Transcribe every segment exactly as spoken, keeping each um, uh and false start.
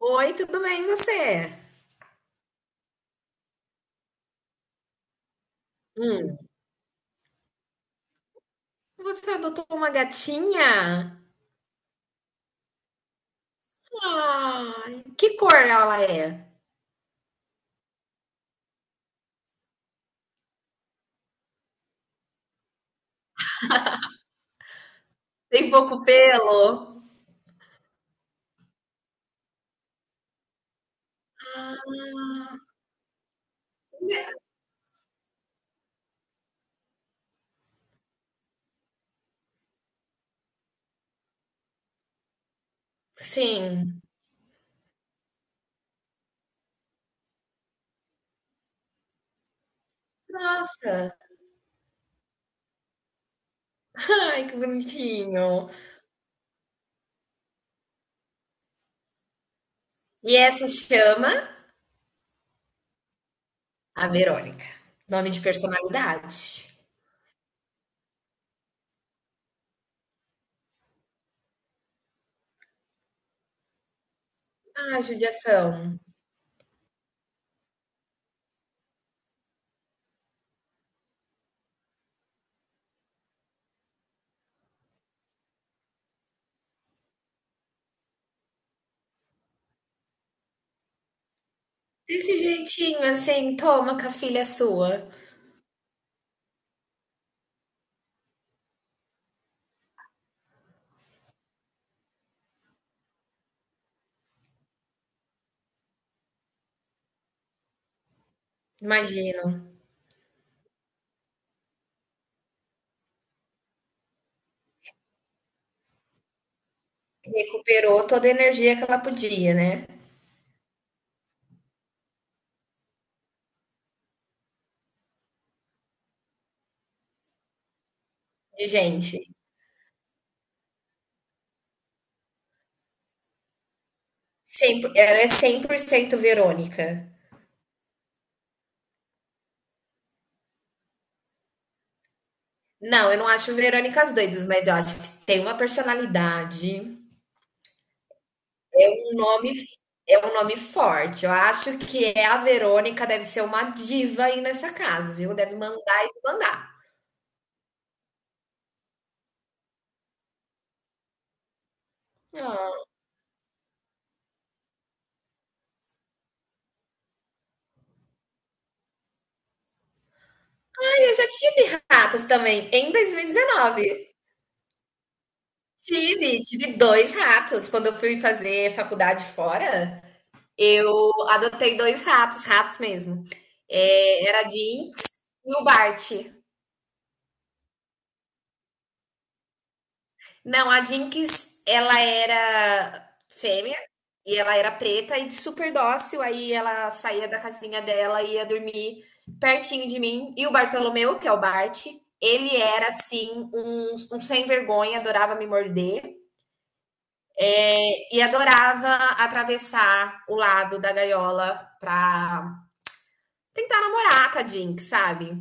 Oi, tudo bem, e você? Hum. Você adotou uma gatinha? Ai, que cor ela é? Tem pouco pelo? Ah, sim. Nossa, ai, que bonitinho. E essa chama a Verônica. Nome de personalidade. Ah, judiação. Desse jeitinho assim, toma com a filha sua. Imagino. Recuperou toda a energia que ela podia, né? De gente. Cem por- ela é cem por cento Verônica. Não, eu não acho Verônicas doidas, mas eu acho que tem uma personalidade, é um nome, é um nome forte. Eu acho que é a Verônica deve ser uma diva aí nessa casa, viu? Deve mandar e mandar. Ah, eu já tive ratos também em dois mil e dezenove. Tive, tive dois ratos. Quando eu fui fazer faculdade fora, eu adotei dois ratos, ratos mesmo. É, era a Jinx e o Bart. Não, a Jinx, ela era fêmea e ela era preta e super dócil. Aí ela saía da casinha dela e ia dormir pertinho de mim. E o Bartolomeu, que é o Bart, ele era assim, um, um sem vergonha, adorava me morder. É, e adorava atravessar o lado da gaiola pra tentar namorar com a Jinx, sabe?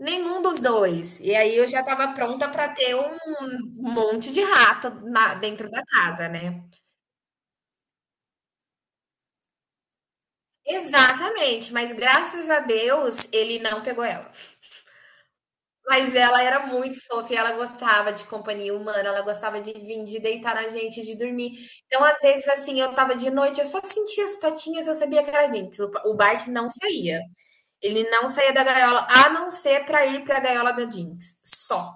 Nenhum dos dois. E aí eu já tava pronta pra ter um monte de rato na- dentro da casa, né? Exatamente, mas graças a Deus ele não pegou ela. Mas ela era muito fofa e ela gostava de companhia humana, ela gostava de vir, de deitar na gente, de dormir. Então, às vezes, assim, eu tava de noite, eu só sentia as patinhas, eu sabia que era Jinx. O o Bart não saía. Ele não saía da gaiola, a não ser pra ir pra gaiola da Jinx. Só.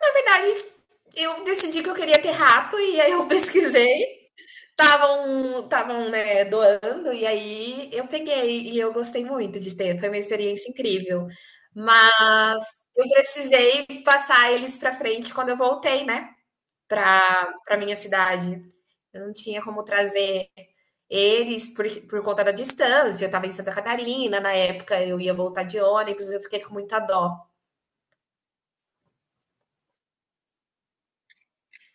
Na verdade, eu decidi que eu queria ter rato e aí eu pesquisei. Estavam, estavam, né, doando, e aí eu peguei e eu gostei muito de ter, foi uma experiência incrível. Mas eu precisei passar eles para frente quando eu voltei, né, para para minha cidade. Eu não tinha como trazer eles por, por conta da distância, eu estava em Santa Catarina, na época eu ia voltar de ônibus, eu fiquei com muita dó.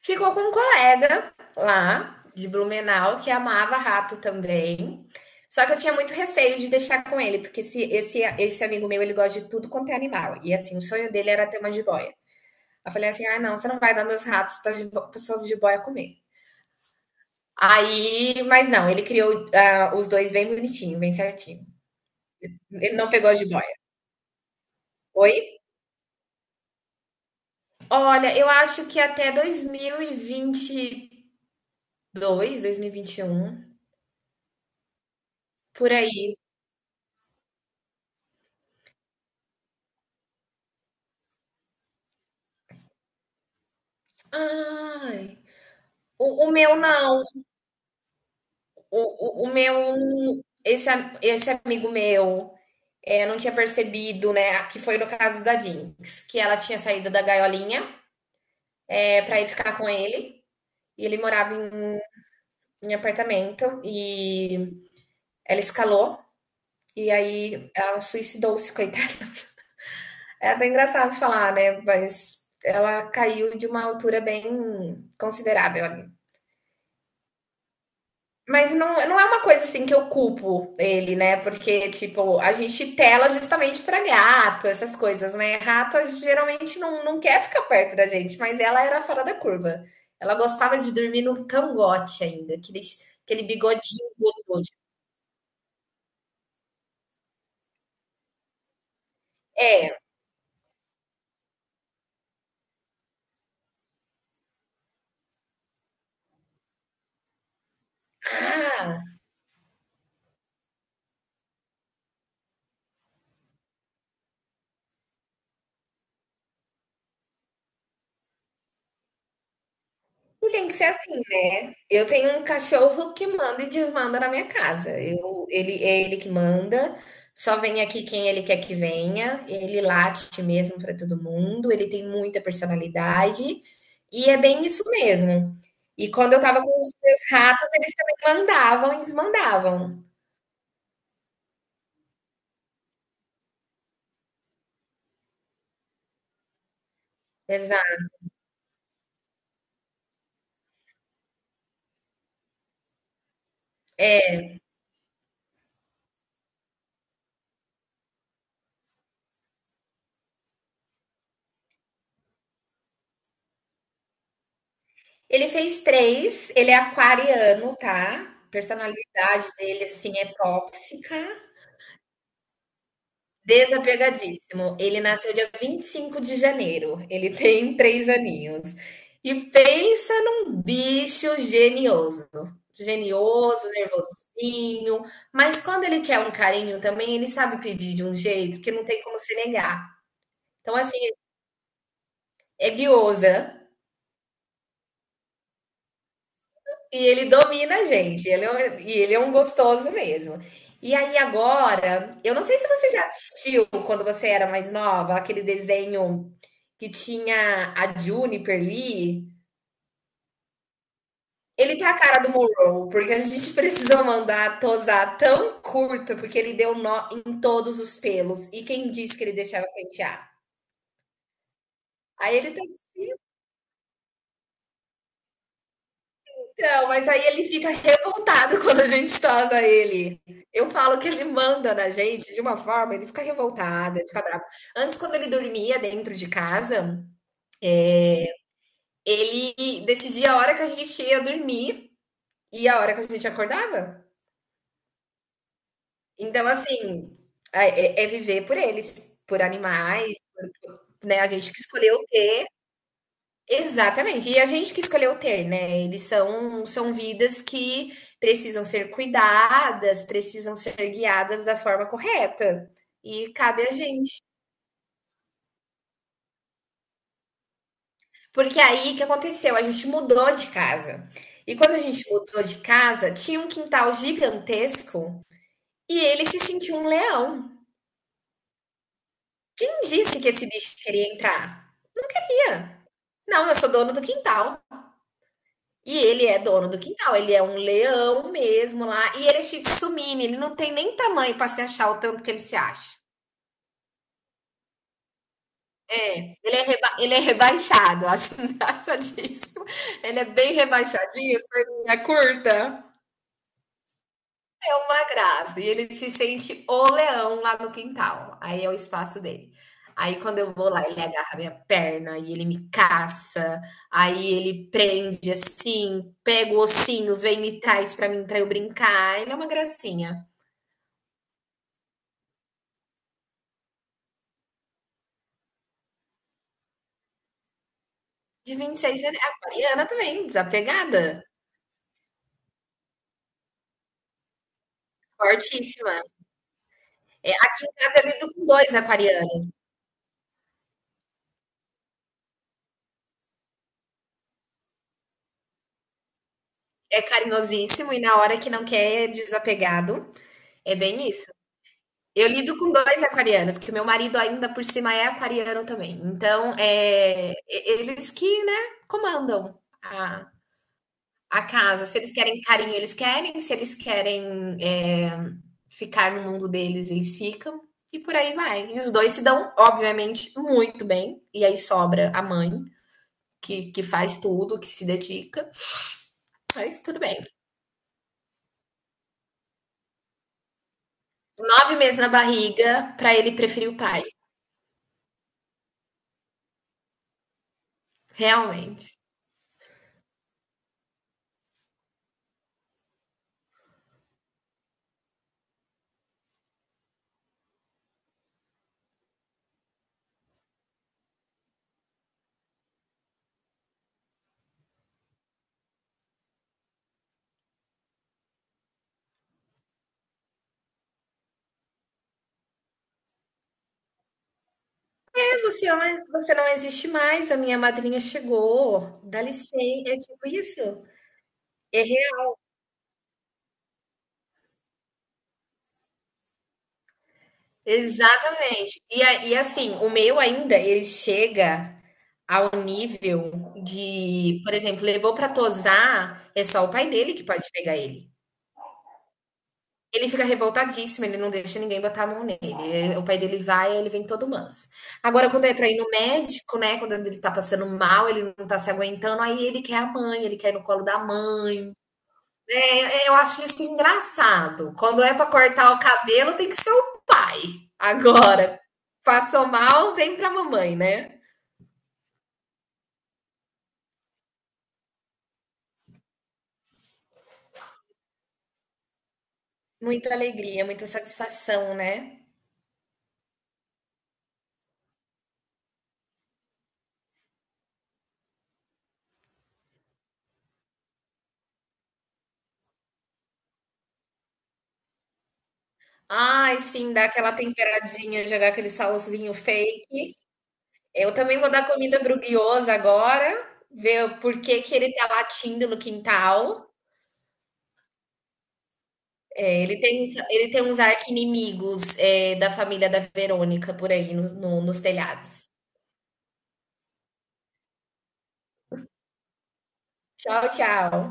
Ficou com um colega lá de Blumenau que amava rato também. Só que eu tinha muito receio de deixar com ele, porque esse, esse, esse amigo meu, ele gosta de tudo quanto é animal. E assim, o sonho dele era ter uma jiboia. Eu falei assim: ah, não, você não vai dar meus ratos para a pessoa de jiboia comer. Aí, mas não, ele criou, ah, os dois bem bonitinho, bem certinho. Ele não pegou a jiboia. Oi? Olha, eu acho que até dois mil e vinte e dois, dois mil mil e e vinte dois mil e vinte e dois, um por aí. Ai, O, o meu não. O, o, o meu, esse, esse amigo meu, é, não tinha percebido, né? Que foi no caso da Jinx, que ela tinha saído da gaiolinha, é, para ir ficar com ele. E ele morava em, em apartamento e ela escalou. E aí ela suicidou-se, coitada. É até engraçado falar, né? Mas ela caiu de uma altura bem considerável. Mas não, não é uma coisa assim que eu culpo ele, né? Porque, tipo, a gente tela justamente pra gato, essas coisas, né? Rato geralmente não, não quer ficar perto da gente, mas ela era fora da curva. Ela gostava de dormir no cangote ainda, aquele, aquele bigodinho gostoso. Ah, não, tem que ser assim, né? Eu tenho um cachorro que manda e desmanda na minha casa. Eu, ele, é ele que manda, só vem aqui quem ele quer que venha. Ele late mesmo para todo mundo, ele tem muita personalidade e é bem isso mesmo. E quando eu tava com os meus ratos, eles também mandavam e desmandavam. Exato. Ele fez três, ele é aquariano, tá? A personalidade dele, assim, é tóxica. Desapegadíssimo. Ele nasceu dia vinte e cinco de janeiro. Ele tem três aninhos. E pensa num bicho genioso. Genioso, nervosinho, mas quando ele quer um carinho também, ele sabe pedir de um jeito que não tem como se negar. Então, assim, é guiosa. E ele domina a gente, ele é um- e ele é um gostoso mesmo. E aí agora, eu não sei se você já assistiu quando você era mais nova, aquele desenho que tinha a Juniper Lee. Ele tá a cara do Monroe, porque a gente precisou mandar tosar tão curto, porque ele deu nó em todos os pelos. E quem disse que ele deixava pentear? Aí ele tá Então, mas aí ele fica revoltado quando a gente tosa ele. Eu falo que ele manda na gente de uma forma, ele fica revoltado, ele fica bravo. Antes, quando ele dormia dentro de casa, ele decidia a hora que a gente ia dormir e a hora que a gente acordava. Então, assim, é, é- é viver por eles, por animais, por- né? A gente que escolheu. Exatamente. E a gente que escolheu ter, né? Eles são, são vidas que precisam ser cuidadas, precisam ser guiadas da forma correta. E cabe a gente. Porque aí o que aconteceu? A gente mudou de casa. E quando a gente mudou de casa, tinha um quintal gigantesco e ele se sentiu um leão. Quem disse que esse bicho queria entrar? Não queria. Não, eu sou dono do quintal. E ele é dono do quintal, ele é um leão mesmo lá. E ele é shih tzu mini, ele não tem nem tamanho para se achar o tanto que ele se acha. É, ele é, reba- ele é rebaixado, eu acho engraçadíssimo. Ele é bem rebaixadinho, as perninhas curtas. É uma graça. E ele se sente o leão lá no quintal. Aí é o espaço dele. Aí quando eu vou lá, ele agarra minha perna e ele me caça. Aí ele prende assim, pega o ossinho, vem e traz pra mim pra eu brincar. Ele é uma gracinha. De vinte e seis de janeiro. Aquariana também, desapegada. Fortíssima. É, aqui em casa eu lido com dois aquarianos. É carinhosíssimo e na hora que não quer é desapegado. É bem isso. Eu lido com dois aquarianos, que meu marido ainda por cima é aquariano também. Então, é, e- eles que, né, comandam a, a casa. Se eles querem carinho, eles querem. Se eles querem, é, ficar no mundo deles, eles ficam. E por aí vai. E os dois se dão, obviamente, muito bem. E aí sobra a mãe, que, que faz tudo, que se dedica. Mas tudo bem. Nove meses na barriga, para ele preferir o pai. Realmente. Você, olha, você não existe mais, a minha madrinha chegou, dá licen é tipo isso. É real, exatamente. E a e assim, o meu ainda, ele chega ao nível de, por exemplo, levou pra tosar, é só o pai dele que pode pegar ele. Ele fica revoltadíssimo, ele não deixa ninguém botar a mão nele, eh, o pai dele vai, ele vem todo manso. Agora quando é pra ir no médico, né, quando ele tá passando mal, ele não tá se aguentando, aí ele quer a mãe, ele quer ir no colo da mãe. É, eu acho isso engraçado. Quando é para cortar o cabelo, tem que ser o pai. Agora, passou mal, vem pra mamãe, né? Muita alegria, muita satisfação, né? Ai, sim, dar aquela temperadinha, jogar aquele salzinho fake. Eu também vou dar comida pro Guioso agora, ver por que que ele tá latindo no quintal. É, ele tem, uns- ele tem uns arqui-inimigos, é, da família da Verônica por aí no- no- nos telhados. Tchau, tchau.